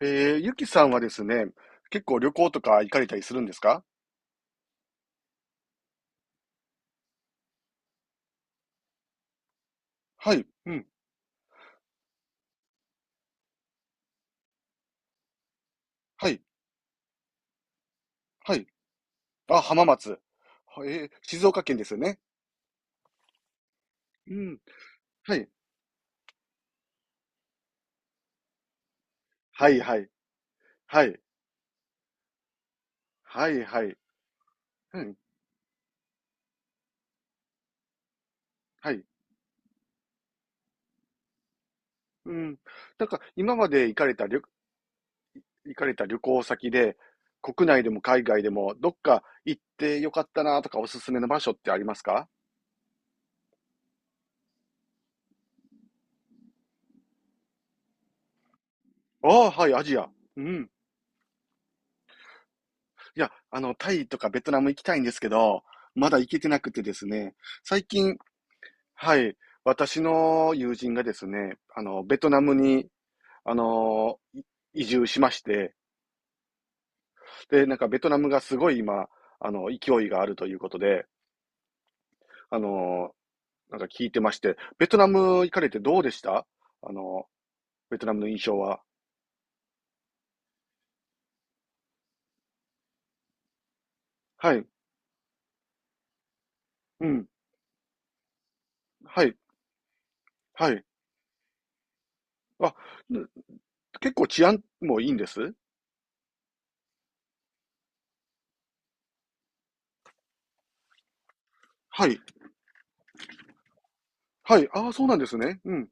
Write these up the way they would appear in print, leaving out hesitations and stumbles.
ゆきさんはですね、結構旅行とか行かれたりするんですか？はい、うん、はい、はい。あ、浜松。はえー、静岡県ですよね。うん、はい、はい、はい、はい、はい、はい、うん、はい、うん。なんか、今まで行かれた旅、行かれた旅行先で、国内でも海外でも、どっか行ってよかったなとか、おすすめの場所ってありますか？ああ、はい、アジア。うん。いや、タイとかベトナム行きたいんですけど、まだ行けてなくてですね、最近、はい。私の友人がですね、ベトナムに、あの、い移住しまして、で、なんかベトナムがすごい今、勢いがあるということで、あの、なんか聞いてまして、ベトナム行かれてどうでした？あの、ベトナムの印象は。はい。うん。はい。はい。あ、結構治安もいいんです？はい。はい。ああ、そうなんですね。うん。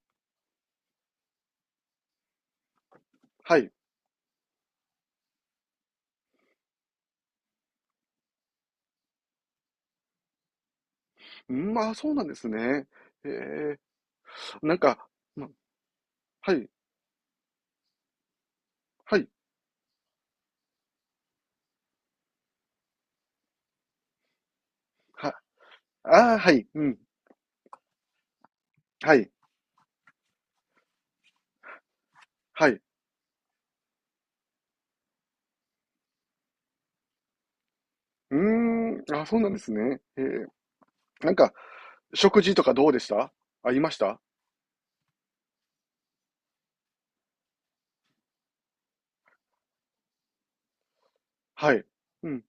はい。うん、ああ、そうなんですね。ええ、なんか、うん、はい。はい。はああ、はい、うん、はい、はい。うーん、あ、そうなんですね。ええ、なんか、食事とかどうでした？ありました？はい。うん。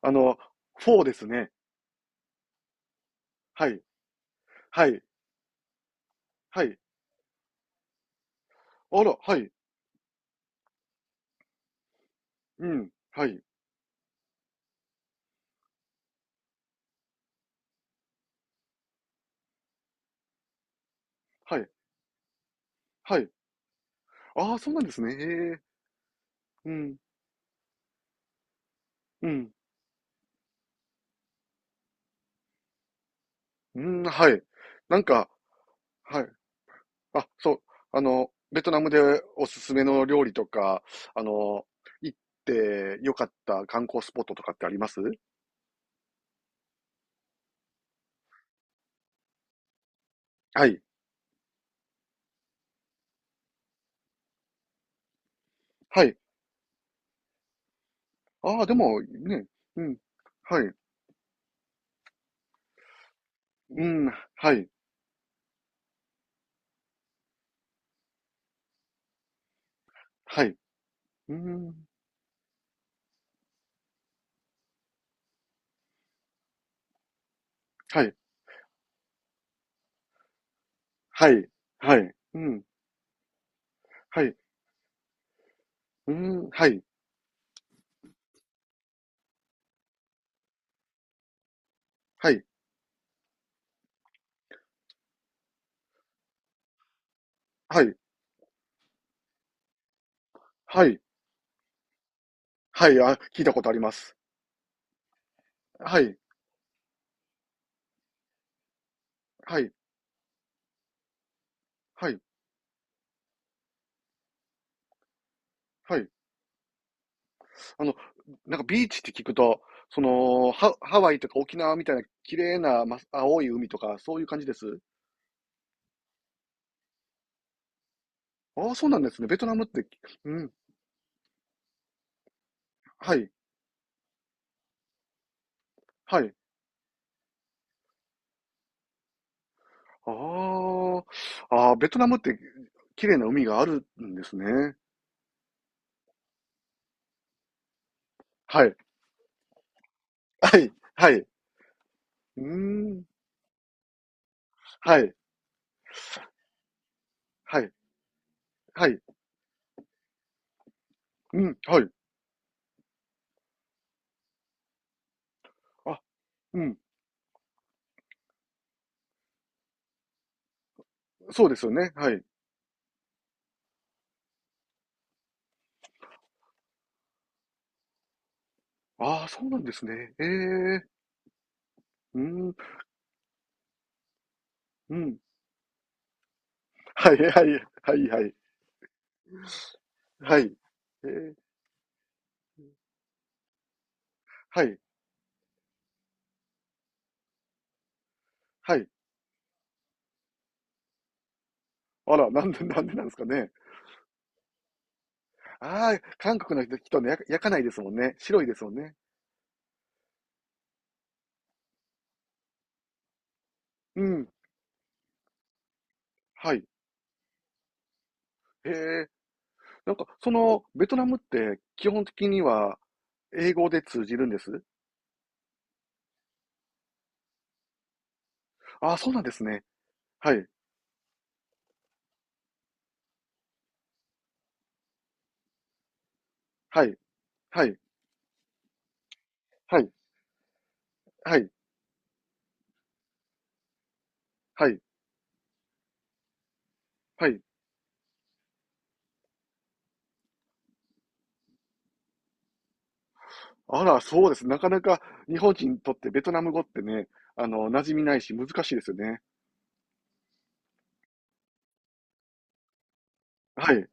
あの、フォーですね。はい、はい、はい。あら、はい、うん、はい、はい、はい。ああ、そうなんですね。へえ、うん、うん、うん、はい。なんか、はい。あ、そう、ベトナムでおすすめの料理とか、あの、行ってよかった観光スポットとかってあります？はい、はい。ああ、でも、ね、うん、はい、うん、はい、はい、うん、はい、はい、はい、うん、はい、うん、はい、はい、はい、はい、はい、あ、聞いたことあります。はい、はい、はい、はい。あの、なんかビーチって聞くと、ハワイとか沖縄みたいな綺麗な、ま、青い海とか、そういう感じです？ああ、そうなんですね。ベトナムって、うん、はい、はい。ああ、ああ、ベトナムって綺麗な海があるんですね。はい、はい、はい。うーん。はい、はい、はい。うん、はい。あ、うん。そうですよね。はい。ああ、そうなんですね。ええ。うーん、うん。はい、はい、はい、はい。はい。ええ。はい、はい。あら、なんでなんですかね。ああ、韓国の人ね、焼かないですもんね。白いですもんね。うん。はい。へえ。なんか、ベトナムって基本的には英語で通じるんです？ああ、そうなんですね。はい。はい。はい。はい。はい、はい、はい。あら、そうです。なかなか日本人にとってベトナム語ってね、馴染みないし難しいですよね。はい、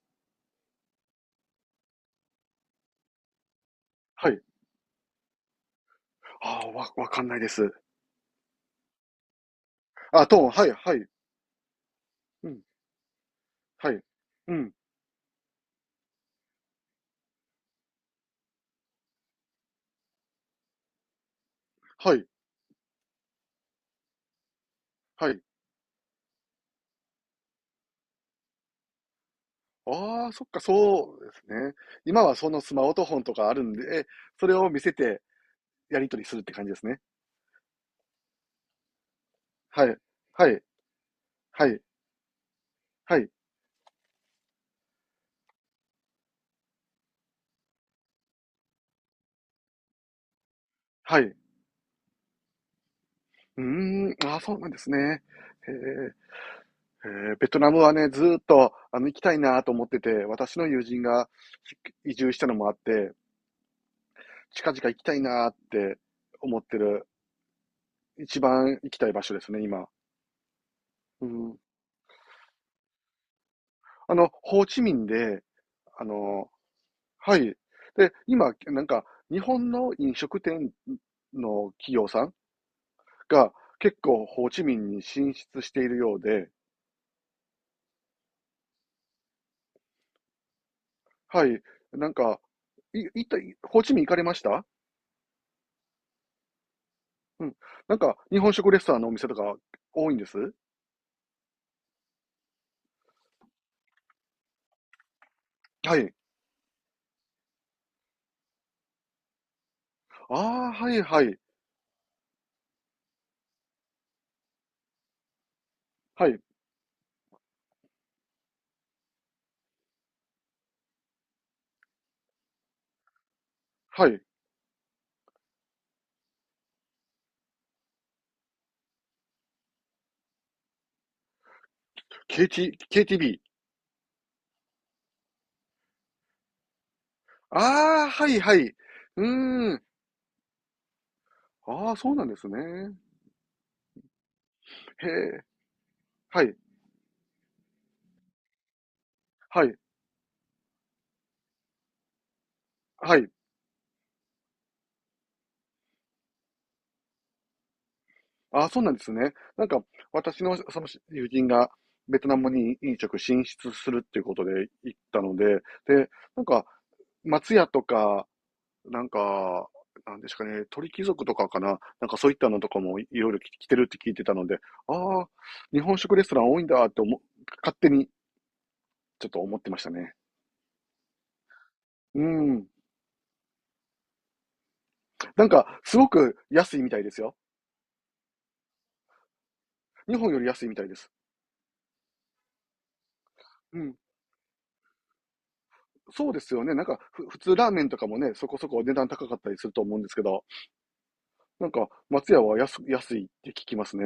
はい。ああ、わかんないです。あ、トーン、はい、はい。うん、はい。うん、はい、はい。ああ、そっか、そうですね。今はそのスマートフォンとかあるんで、それを見せてやり取りするって感じですね。はい。はい。はい。はい。はい。うーん。ああ、そうなんですね。へえ。ベトナムはね、ずーっと、行きたいなと思ってて、私の友人が移住したのもあって、近々行きたいなって思ってる、一番行きたい場所ですね、今。うん。ホーチミンで、あの、はい。で、今、なんか、日本の飲食店の企業さんが結構ホーチミンに進出しているようで、はい。なんか、い、いった、ホーチミン行かれました？うん。なんか、日本食レストランのお店とか多いんです？はい。ああ、はいはい。はい。はい。KTB。ああ、はいはい。うーん。ああ、そうなんですね。へえ。はい。はい。はい。ああ、そうなんですね。なんか、私のその友人がベトナムに飲食進出するっていうことで行ったので、で、なんか、松屋とか、なんか、なんですかね、鳥貴族とかかな、なんかそういったのとかもいろいろ来てるって聞いてたので、ああ、日本食レストラン多いんだって思う、勝手にちょっと思ってましたね。うん。なんか、すごく安いみたいですよ。日本より安いみたいです。うん。そうですよね。なんか、普通ラーメンとかもね、そこそこ値段高かったりすると思うんですけど、なんか、松屋は安いって聞きますね。